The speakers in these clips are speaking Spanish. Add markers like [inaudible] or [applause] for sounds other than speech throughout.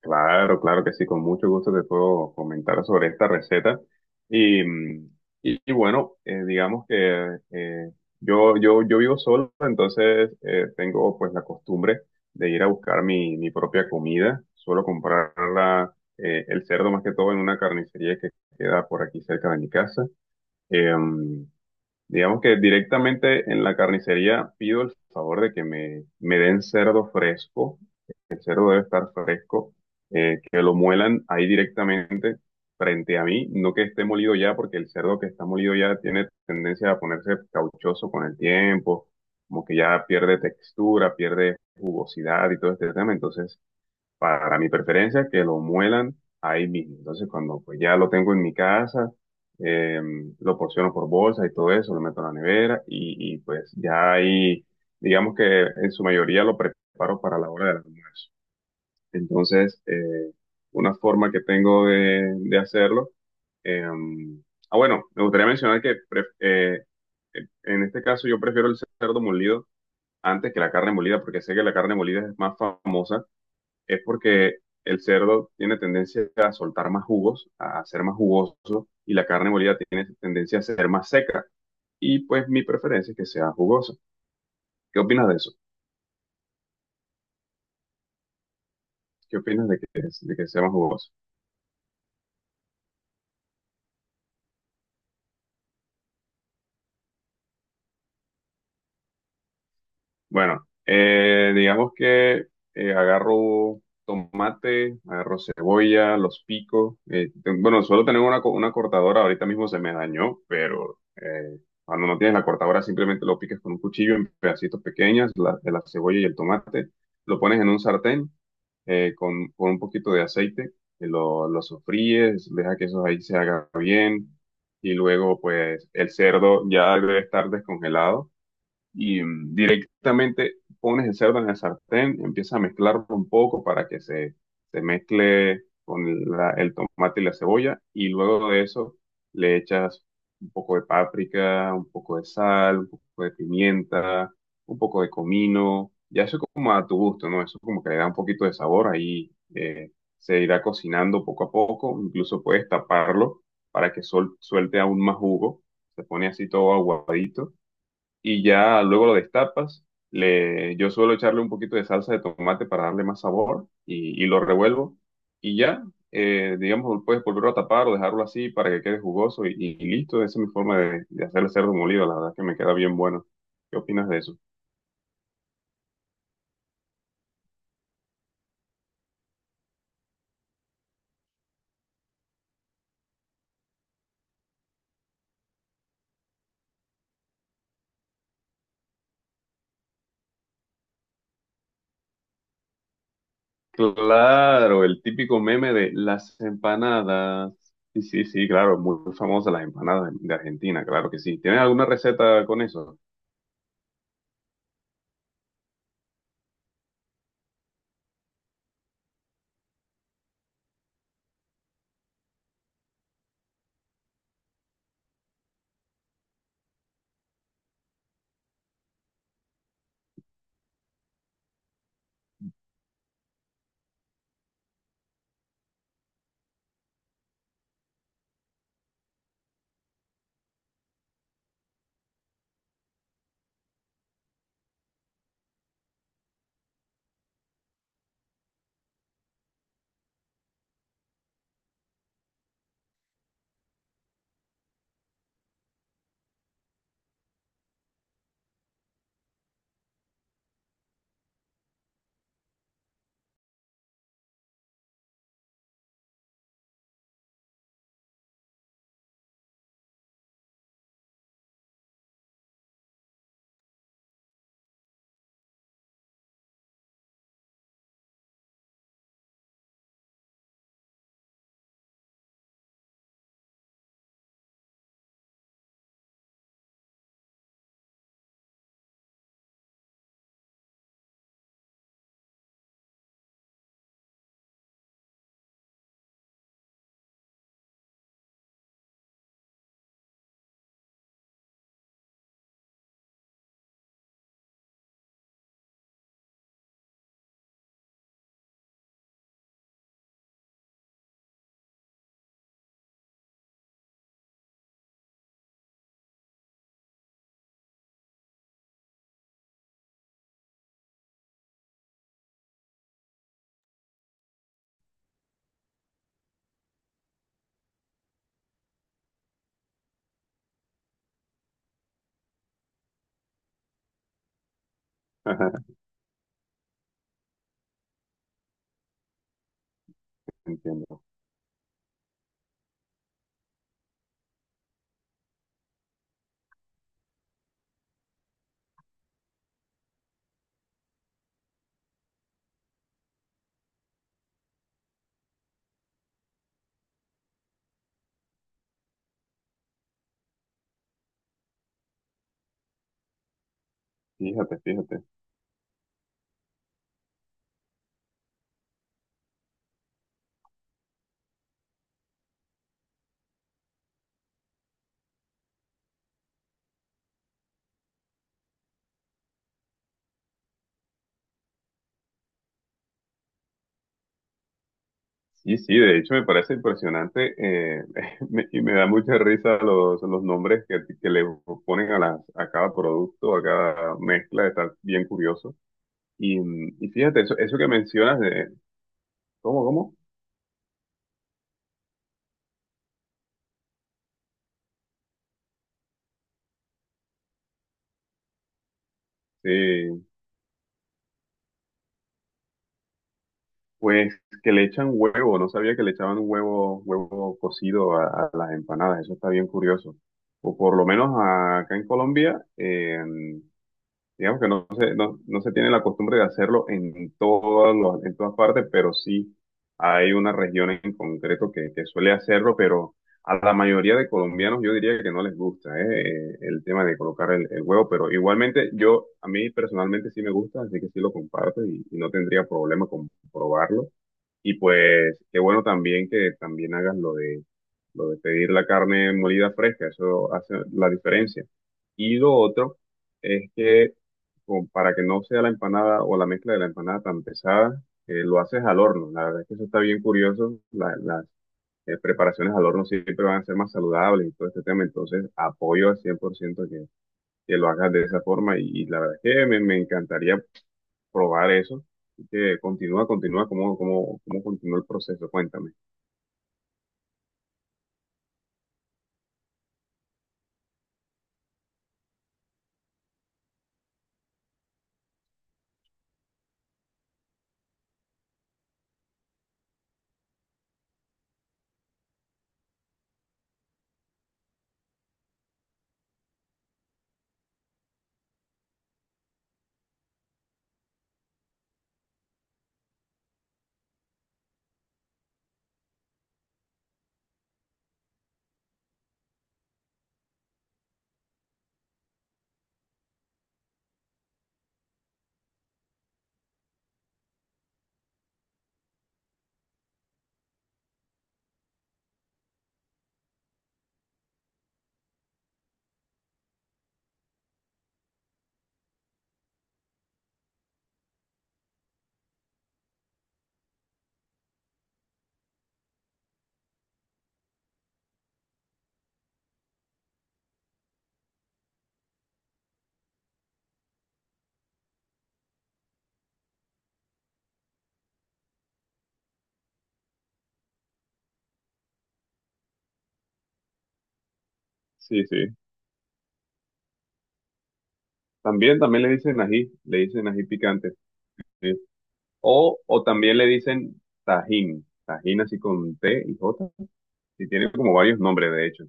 Claro, claro que sí, con mucho gusto te puedo comentar sobre esta receta. Y, mm, y bueno, digamos que yo vivo solo, entonces tengo pues la costumbre de ir a buscar mi propia comida. Suelo comprarla, el cerdo más que todo en una carnicería que queda por aquí cerca de mi casa. Eh, mm, digamos que directamente en la carnicería pido el favor de que me den cerdo fresco. El cerdo debe estar fresco, que lo muelan ahí directamente frente a mí, no que esté molido ya, porque el cerdo que está molido ya tiene tendencia a ponerse cauchoso con el tiempo, como que ya pierde textura, pierde jugosidad y todo este tema. Entonces, para mi preferencia, que lo muelan ahí mismo. Entonces, cuando pues ya lo tengo en mi casa, eh, lo porciono por bolsa y todo eso, lo meto en la nevera y pues ya ahí, digamos que en su mayoría lo preparo para la hora del almuerzo. Entonces, una forma que tengo de hacerlo. eh, bueno, me gustaría mencionar que en este caso yo prefiero el cerdo molido antes que la carne molida, porque sé que la carne molida es más famosa, es porque el cerdo tiene tendencia a soltar más jugos, a ser más jugoso, y la carne molida tiene tendencia a ser más seca. Y pues mi preferencia es que sea jugosa. ¿Qué opinas de eso? ¿Qué opinas de que sea más jugoso? Bueno, digamos que agarro tomate, agarro cebolla, los pico. Bueno, suelo tener una cortadora, ahorita mismo se me dañó, pero cuando no tienes la cortadora simplemente lo picas con un cuchillo en pedacitos pequeños, la, de la cebolla y el tomate. Lo pones en un sartén con un poquito de aceite, y lo sofríes, deja que eso ahí se haga bien y luego pues el cerdo ya debe estar descongelado y directamente pones el cerdo en el sartén, empiezas a mezclarlo un poco para que se mezcle con el tomate y la cebolla, y luego de eso le echas un poco de páprica, un poco de sal, un poco de pimienta, un poco de comino, ya eso como a tu gusto, ¿no? Eso como que le da un poquito de sabor ahí. Se irá cocinando poco a poco, incluso puedes taparlo para que suelte aún más jugo, se pone así todo aguadito y ya luego lo destapas. Le, yo suelo echarle un poquito de salsa de tomate para darle más sabor y lo revuelvo y ya, digamos, lo puedes volverlo a tapar o dejarlo así para que quede jugoso y listo. Esa es mi forma de hacer el cerdo molido, la verdad que me queda bien bueno. ¿Qué opinas de eso? Claro, el típico meme de las empanadas. Sí, sí, sí, claro, muy famosa las empanadas de Argentina, claro que sí. ¿Tienes alguna receta con eso? [laughs] Entiendo. Fíjate, fíjate. Sí, sí, de hecho me parece impresionante, [laughs] y me da mucha risa los nombres que le ponen a, las, a cada producto, a cada mezcla, está bien curioso. Y fíjate, eso que mencionas de, ¿cómo, cómo? Eh, pues que le echan huevo, no sabía que le echaban huevo, huevo cocido a las empanadas, eso está bien curioso. O por lo menos acá en Colombia, digamos que no se, no, no se tiene la costumbre de hacerlo en en todas partes, pero sí hay una región en concreto que suele hacerlo, pero a la mayoría de colombianos yo diría que no les gusta, el tema de colocar el huevo, pero igualmente yo, a mí personalmente sí me gusta, así que sí lo comparto y no tendría problema con probarlo. Y pues qué bueno también que también hagas lo de pedir la carne molida fresca, eso hace la diferencia. Y lo otro es que como para que no sea la empanada o la mezcla de la empanada tan pesada, lo haces al horno. La verdad es que eso está bien curioso. Las preparaciones al horno siempre van a ser más saludables y todo este tema. Entonces apoyo al 100% que lo hagas de esa forma y la verdad es que me encantaría probar eso. Así que continúa, continúa, ¿cómo, cómo, cómo continúa el proceso? Cuéntame. Sí, sí. También, también le dicen ají picante. Sí. O también le dicen tajín, tajín así con T y J. Y tiene como varios nombres, de hecho.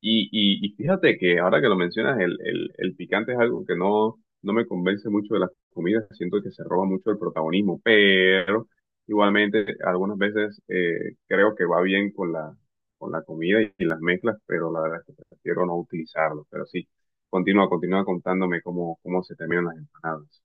Y fíjate que ahora que lo mencionas, el picante es algo que no, no me convence mucho de las comidas, siento que se roba mucho el protagonismo, pero igualmente algunas veces, creo que va bien con la comida y, las mezclas, pero la verdad es que prefiero no utilizarlo. Pero sí, continúa, continúa contándome cómo, cómo se terminan las empanadas.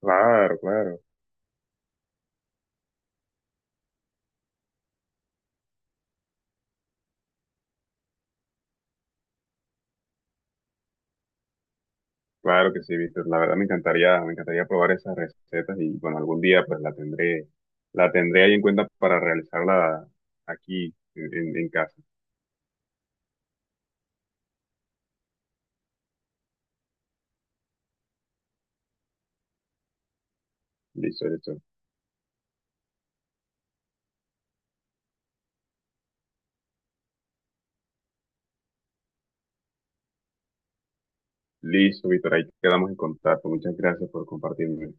Claro, claro. Claro que sí, Víctor. La verdad me encantaría probar esas recetas y bueno, algún día pues la tendré ahí en cuenta para realizarla aquí en, en casa. Listo, listo. Listo, Víctor. Ahí quedamos en contacto. Muchas gracias por compartirme.